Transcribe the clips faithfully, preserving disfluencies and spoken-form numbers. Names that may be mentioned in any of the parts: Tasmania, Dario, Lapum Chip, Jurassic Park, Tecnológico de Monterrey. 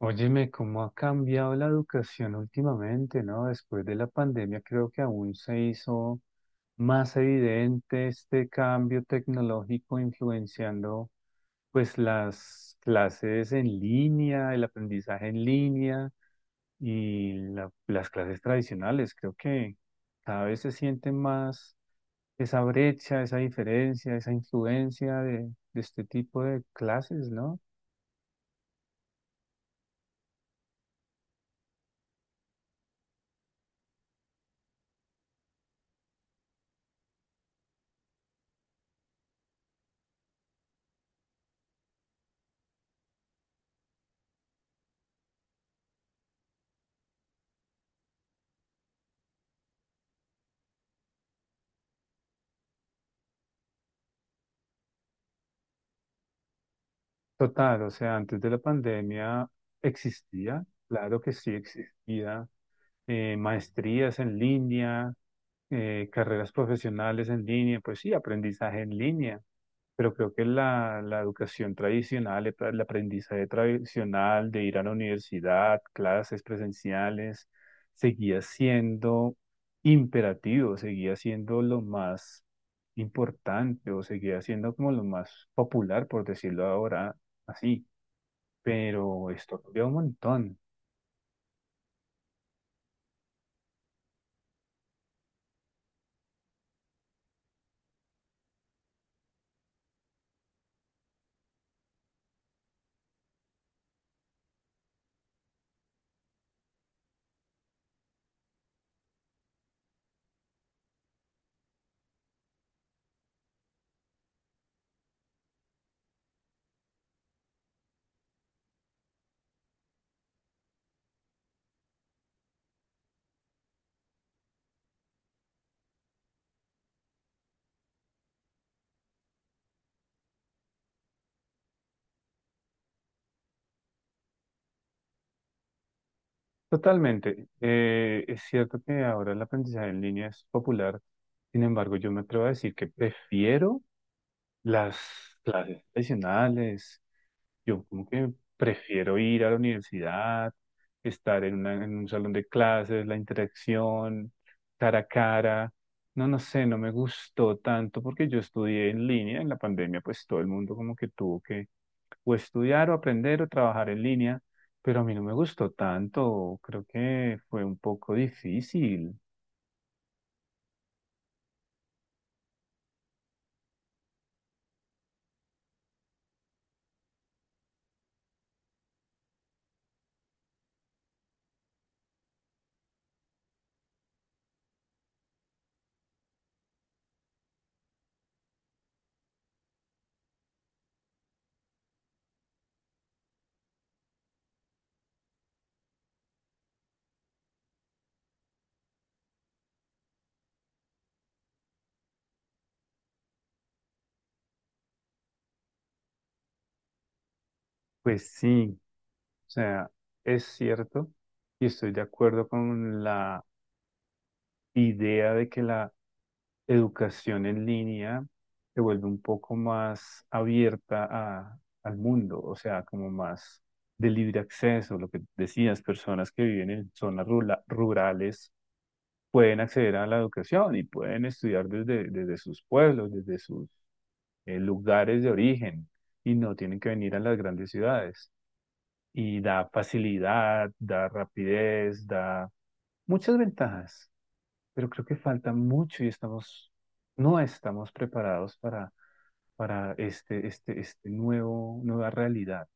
Óyeme, cómo ha cambiado la educación últimamente, ¿no? Después de la pandemia creo que aún se hizo más evidente este cambio tecnológico influenciando pues las clases en línea, el aprendizaje en línea y la- las clases tradicionales. Creo que cada vez se siente más esa brecha, esa diferencia, esa influencia de, de este tipo de clases, ¿no? Total, o sea, antes de la pandemia existía, claro que sí existía, eh, maestrías en línea, eh, carreras profesionales en línea, pues sí, aprendizaje en línea, pero creo que la, la educación tradicional, el, el aprendizaje tradicional de ir a la universidad, clases presenciales, seguía siendo imperativo, seguía siendo lo más importante o seguía siendo como lo más popular, por decirlo ahora así pero estornudeó un montón. Totalmente. Eh, es cierto que ahora el aprendizaje en línea es popular, sin embargo, yo me atrevo a decir que prefiero las clases tradicionales. Yo como que prefiero ir a la universidad, estar en, una- en un salón de clases, la interacción, cara a cara. No, no sé, no me gustó tanto porque yo estudié en línea en la pandemia, pues todo el mundo como que tuvo que o estudiar o aprender o trabajar en línea, pero a mí no me gustó tanto, creo que fue un poco difícil. Pues sí, o sea, es cierto y estoy de acuerdo con la idea de que la educación en línea se vuelve un poco más abierta a- al mundo, o sea, como más de libre acceso, lo que decías, personas que viven en zonas rula- rurales pueden acceder a la educación y pueden estudiar desde, desde sus pueblos, desde sus eh, lugares de origen y no tienen que venir a las grandes ciudades. Y da facilidad, da rapidez, da muchas ventajas pero creo que falta mucho y estamos, no estamos preparados para, para este, este, este nuevo, nueva realidad.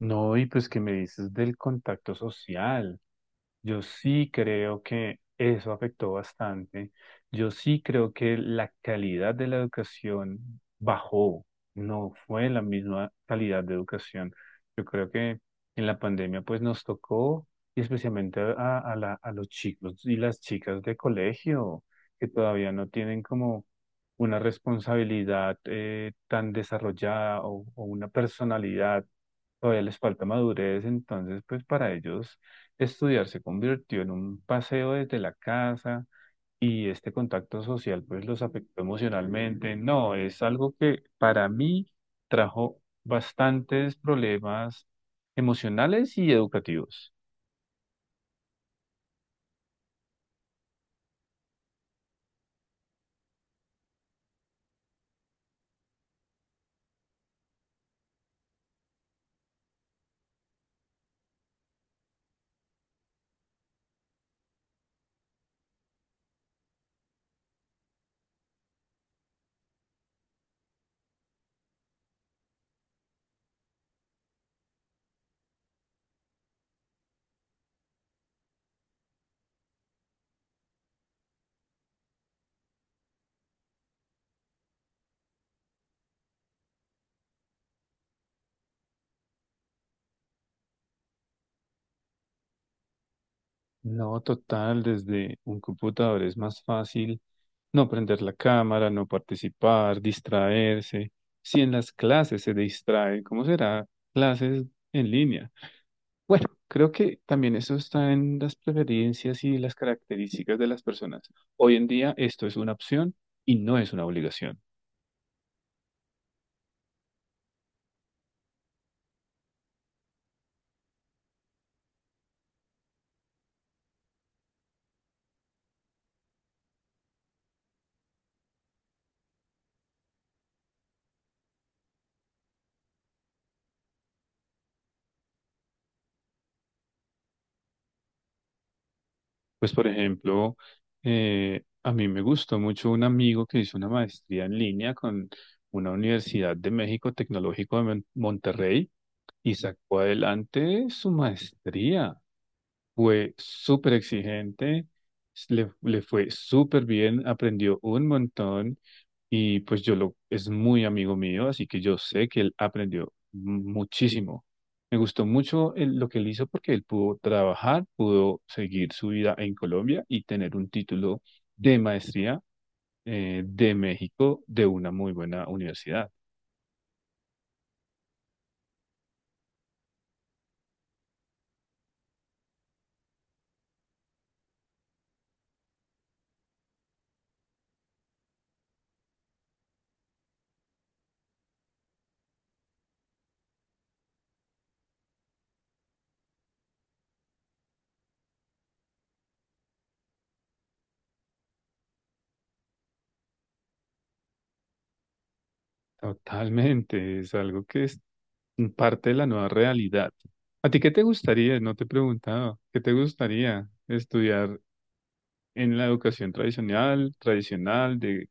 No, y pues qué me dices del contacto social. Yo sí creo que eso afectó bastante. Yo sí creo que la calidad de la educación bajó. No fue la misma calidad de educación. Yo creo que en la pandemia pues nos tocó, y especialmente a, a la- a los chicos y las chicas de colegio, que todavía no tienen como una responsabilidad eh, tan desarrollada o o una personalidad. Todavía les falta madurez, entonces pues para ellos estudiar se convirtió en un paseo desde la casa y este contacto social pues los afectó emocionalmente. No, es algo que para mí trajo bastantes problemas emocionales y educativos. No, total, desde un computador es más fácil no prender la cámara, no participar, distraerse. Si en las clases se distrae, ¿cómo será clases en línea? Bueno, creo que también eso está en las preferencias y las características de las personas. Hoy en día esto es una opción y no es una obligación. Pues, por ejemplo, eh, a mí me gustó mucho un amigo que hizo una maestría en línea con una Universidad de México Tecnológico de Mon- Monterrey y sacó adelante su maestría. Fue súper exigente, le, le fue súper bien, aprendió un montón. Y pues yo lo, es muy amigo mío, así que yo sé que él aprendió muchísimo. Me gustó mucho el- lo que él hizo porque él pudo trabajar, pudo seguir su vida en Colombia y tener un título de maestría eh, de México, de una muy buena universidad. Totalmente, es algo que es parte de la nueva realidad. ¿A ti qué te gustaría? No te he preguntado. ¿Qué te gustaría estudiar en la educación tradicional, tradicional, de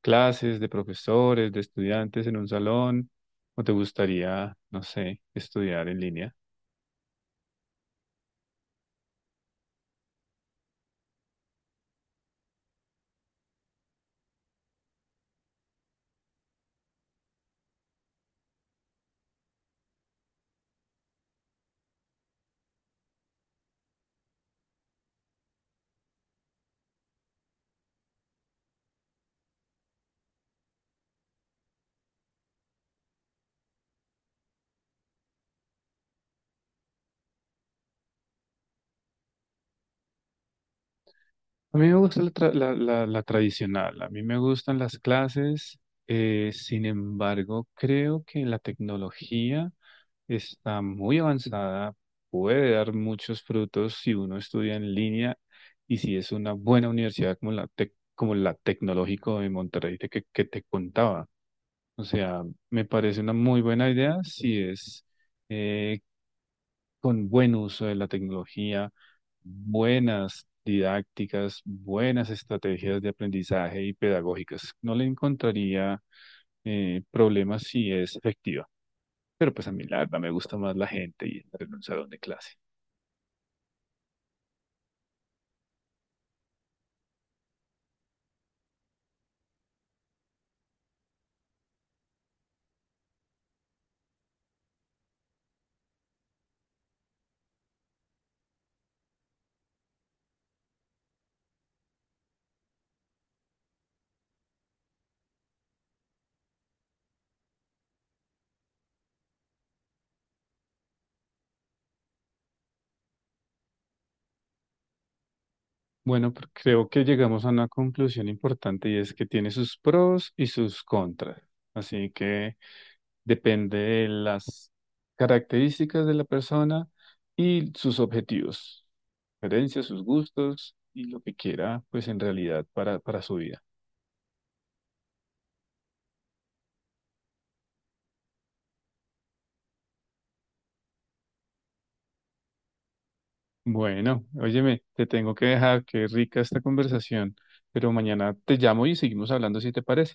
clases, de profesores, de estudiantes en un salón, o te gustaría, no sé, estudiar en línea? A mí me gusta la, tra- la, la- la tradicional, a mí me gustan las clases, eh, sin embargo, creo que la tecnología está muy avanzada, puede dar muchos frutos si uno estudia en línea y si es una buena universidad como la, tec- como la Tecnológico de Monterrey de que que te contaba. O sea, me parece una muy buena idea si es eh, con buen uso de la tecnología, buenas didácticas, buenas estrategias de aprendizaje y pedagógicas. No le encontraría eh, problemas si es efectiva. Pero pues a mí la verdad me gusta más la gente y estar en un salón de clase. Bueno, pr- creo que llegamos a una conclusión importante y es que tiene sus pros y sus contras. Así que depende de las características de la persona y sus objetivos, preferencias, sus gustos y lo que quiera, pues en realidad para, para su vida. Bueno, óyeme, te tengo que dejar, qué rica esta conversación, pero mañana te llamo y seguimos hablando si te parece.